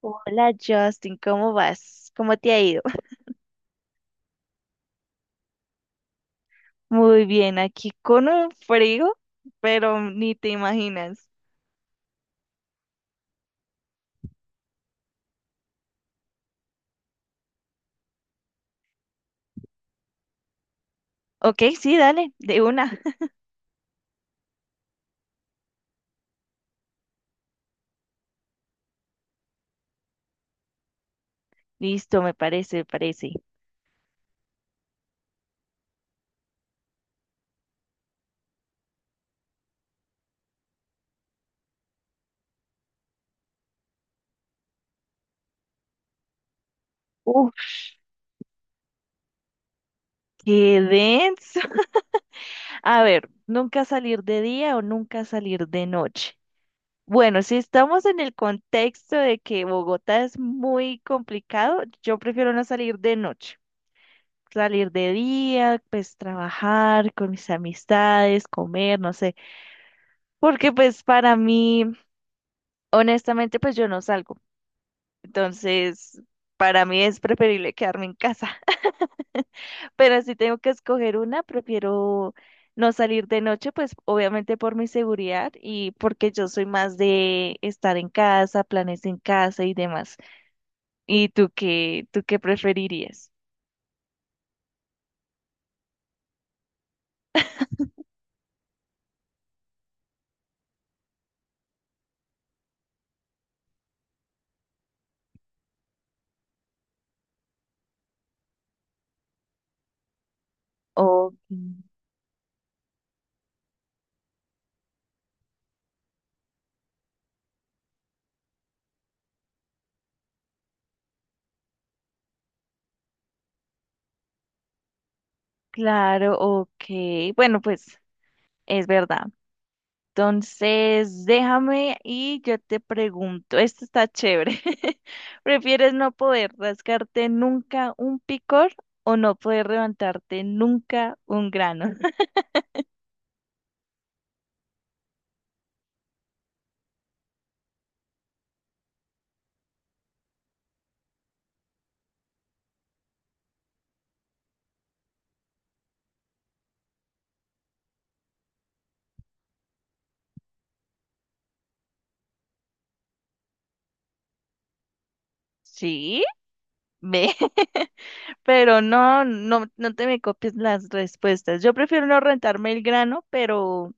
Hola Justin, ¿cómo vas? ¿Cómo te ha ido? Muy bien, aquí con un frío, pero ni te imaginas. Ok, sí, dale, de una. Listo, me parece, me parece. Uf, qué denso. A ver, nunca salir de día o nunca salir de noche. Bueno, si estamos en el contexto de que Bogotá es muy complicado, yo prefiero no salir de noche. Salir de día, pues trabajar con mis amistades, comer, no sé. Porque pues para mí, honestamente, pues yo no salgo. Entonces, para mí es preferible quedarme en casa. Pero si tengo que escoger una, prefiero no salir de noche, pues obviamente por mi seguridad y porque yo soy más de estar en casa, planes en casa y demás. ¿Y tú qué preferirías? Oh, claro, ok. Bueno, pues es verdad. Entonces, déjame y yo te pregunto, esto está chévere. ¿Prefieres no poder rascarte nunca un picor o no poder levantarte nunca un grano? Sí, ve, pero no, no, no te me copies las respuestas. Yo prefiero no rentarme el grano, pero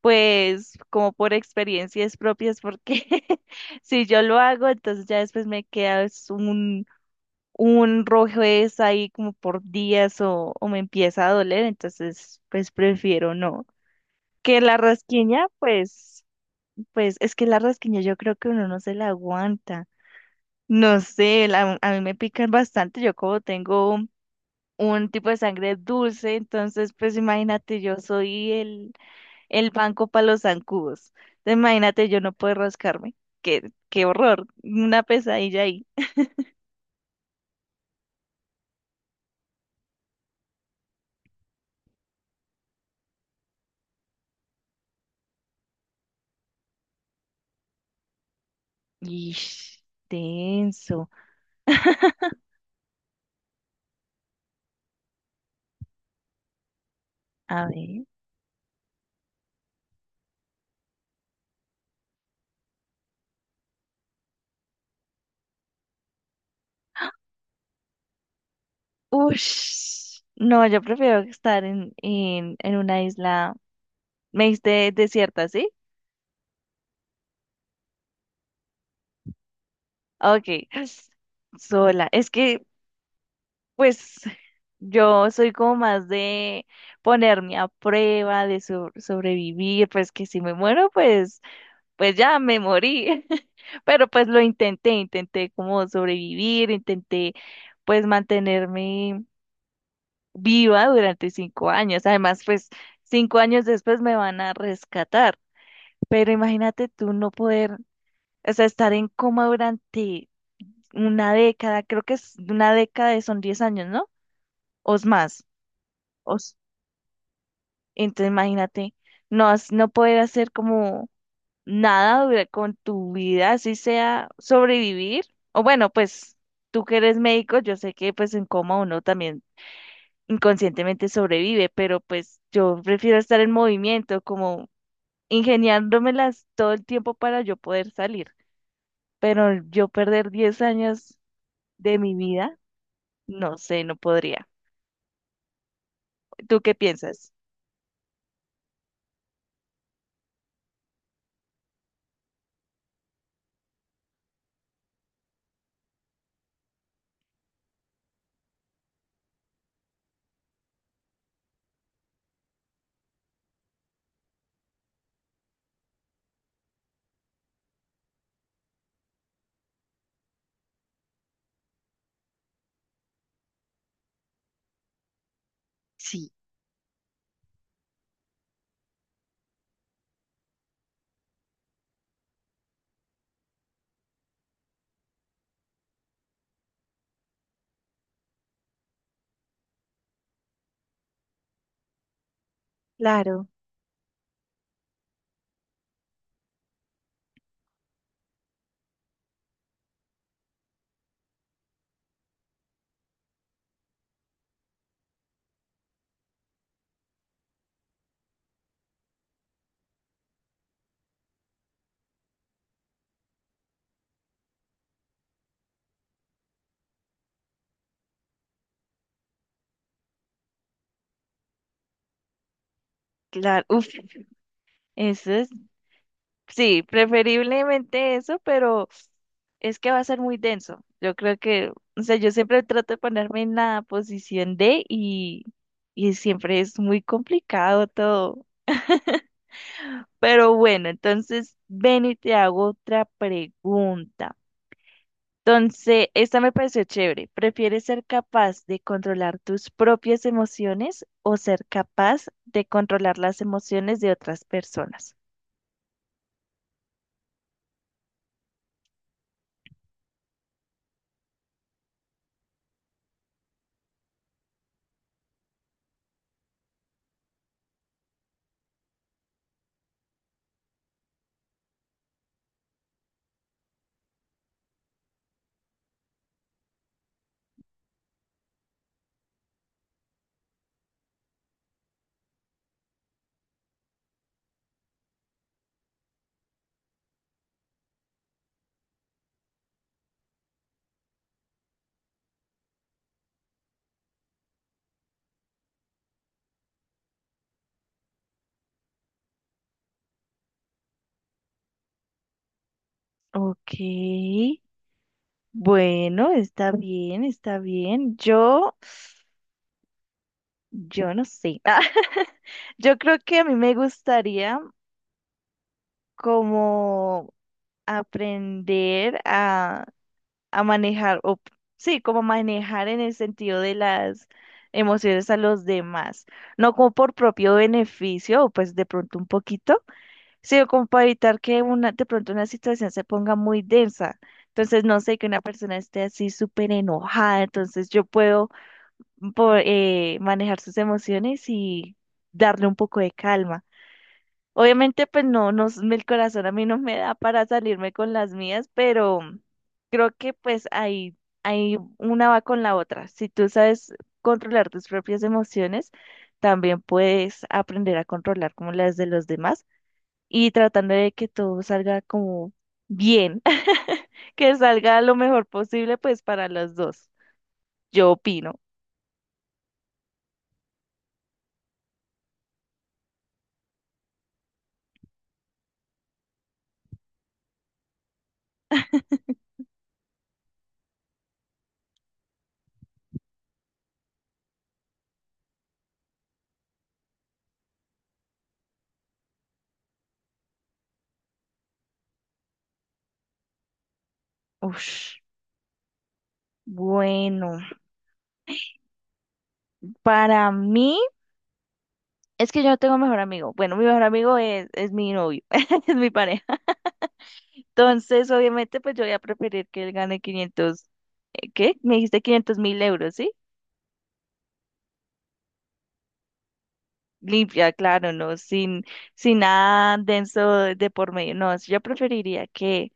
pues como por experiencias propias, porque si yo lo hago, entonces ya después me queda es un rojez ahí como por días o me empieza a doler, entonces pues prefiero no. Que la rasquiña, pues es que la rasquiña yo creo que uno no se la aguanta. No sé, a mí me pican bastante, yo como tengo un tipo de sangre dulce, entonces pues imagínate, yo soy el banco para los zancudos. Entonces, imagínate, yo no puedo rascarme. Qué horror, una pesadilla ahí. Ish, tenso. A ver. Ush, no, yo prefiero estar en una isla, me diste desierta, ¿sí? Ok, sola. Es que, pues, yo soy como más de ponerme a prueba, de sobrevivir, pues que si me muero, pues ya me morí. Pero pues intenté como sobrevivir, intenté pues mantenerme viva durante 5 años. Además, pues 5 años después me van a rescatar. Pero imagínate tú no poder, o sea, estar en coma durante una década, creo que es una década, son 10 años, ¿no? O es más. O s- entonces imagínate, no, no poder hacer como nada con tu vida, así sea sobrevivir. O bueno, pues tú que eres médico, yo sé que pues en coma uno también inconscientemente sobrevive, pero pues yo prefiero estar en movimiento, como ingeniándomelas todo el tiempo para yo poder salir. Pero yo perder 10 años de mi vida, no sé, no podría. ¿Tú qué piensas? Sí, claro, claro. Uf, eso es, sí, preferiblemente eso, pero es que va a ser muy denso. Yo creo que, o sea, yo siempre trato de ponerme en la posición de y siempre es muy complicado todo. Pero bueno, entonces ven y te hago otra pregunta. Entonces, esta me pareció chévere. ¿Prefieres ser capaz de controlar tus propias emociones o ser capaz de controlar las emociones de otras personas? Ok, bueno, está bien, está bien. Yo no sé. Yo creo que a mí me gustaría como aprender a manejar, sí, como manejar en el sentido de las emociones a los demás, no como por propio beneficio, o pues de pronto un poquito, sino como para evitar que una, de pronto una situación se ponga muy densa. Entonces, no sé, que una persona esté así súper enojada, entonces yo puedo manejar sus emociones y darle un poco de calma. Obviamente, pues no, no, el corazón a mí no me da para salirme con las mías, pero creo que pues ahí una va con la otra. Si tú sabes controlar tus propias emociones, también puedes aprender a controlar como las de los demás y tratando de que todo salga como bien, que salga lo mejor posible pues para los dos. Yo opino. Ush, bueno, para mí. Es que yo no tengo mejor amigo. Bueno, mi mejor amigo es mi novio, es mi pareja. Entonces, obviamente, pues yo voy a preferir que él gane 500, ¿qué? Me dijiste 500 mil euros, ¿sí? Limpia, claro, ¿no? Sin nada denso de por medio. No, yo preferiría que,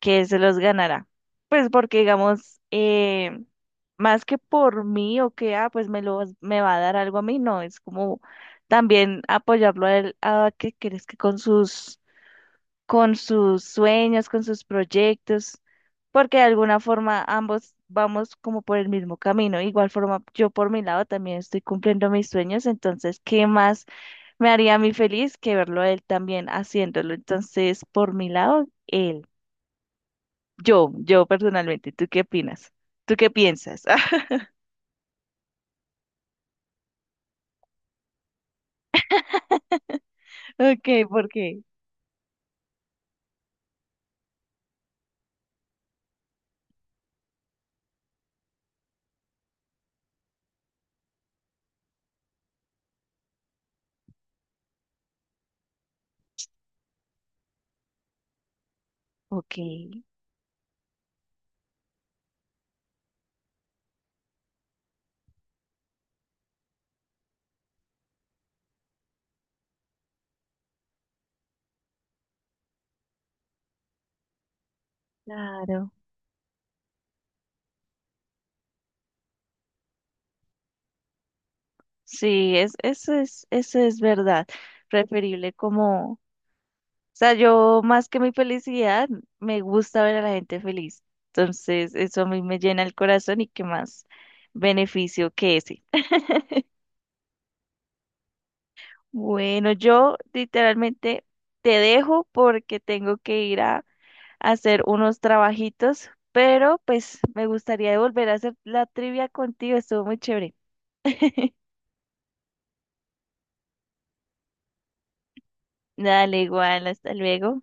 que se los ganara. Pues porque, digamos, más que por mí o que, ah, pues me va a dar algo a mí, no, es como también apoyarlo a él, a que crees que con sus sueños, con sus proyectos, porque de alguna forma ambos vamos como por el mismo camino. Igual forma, yo por mi lado también estoy cumpliendo mis sueños, entonces, ¿qué más me haría a mí feliz que verlo a él también haciéndolo? Entonces, por mi lado, yo personalmente, ¿tú qué opinas? ¿Tú qué piensas? Ok, ¿por qué? Ok, claro. Sí, eso es verdad. Preferible como sea, yo más que mi felicidad, me gusta ver a la gente feliz. Entonces, eso a mí me llena el corazón y qué más beneficio que ese. Bueno, yo literalmente te dejo porque tengo que ir a hacer unos trabajitos, pero pues me gustaría volver a hacer la trivia contigo, estuvo muy chévere. Dale, igual, hasta luego.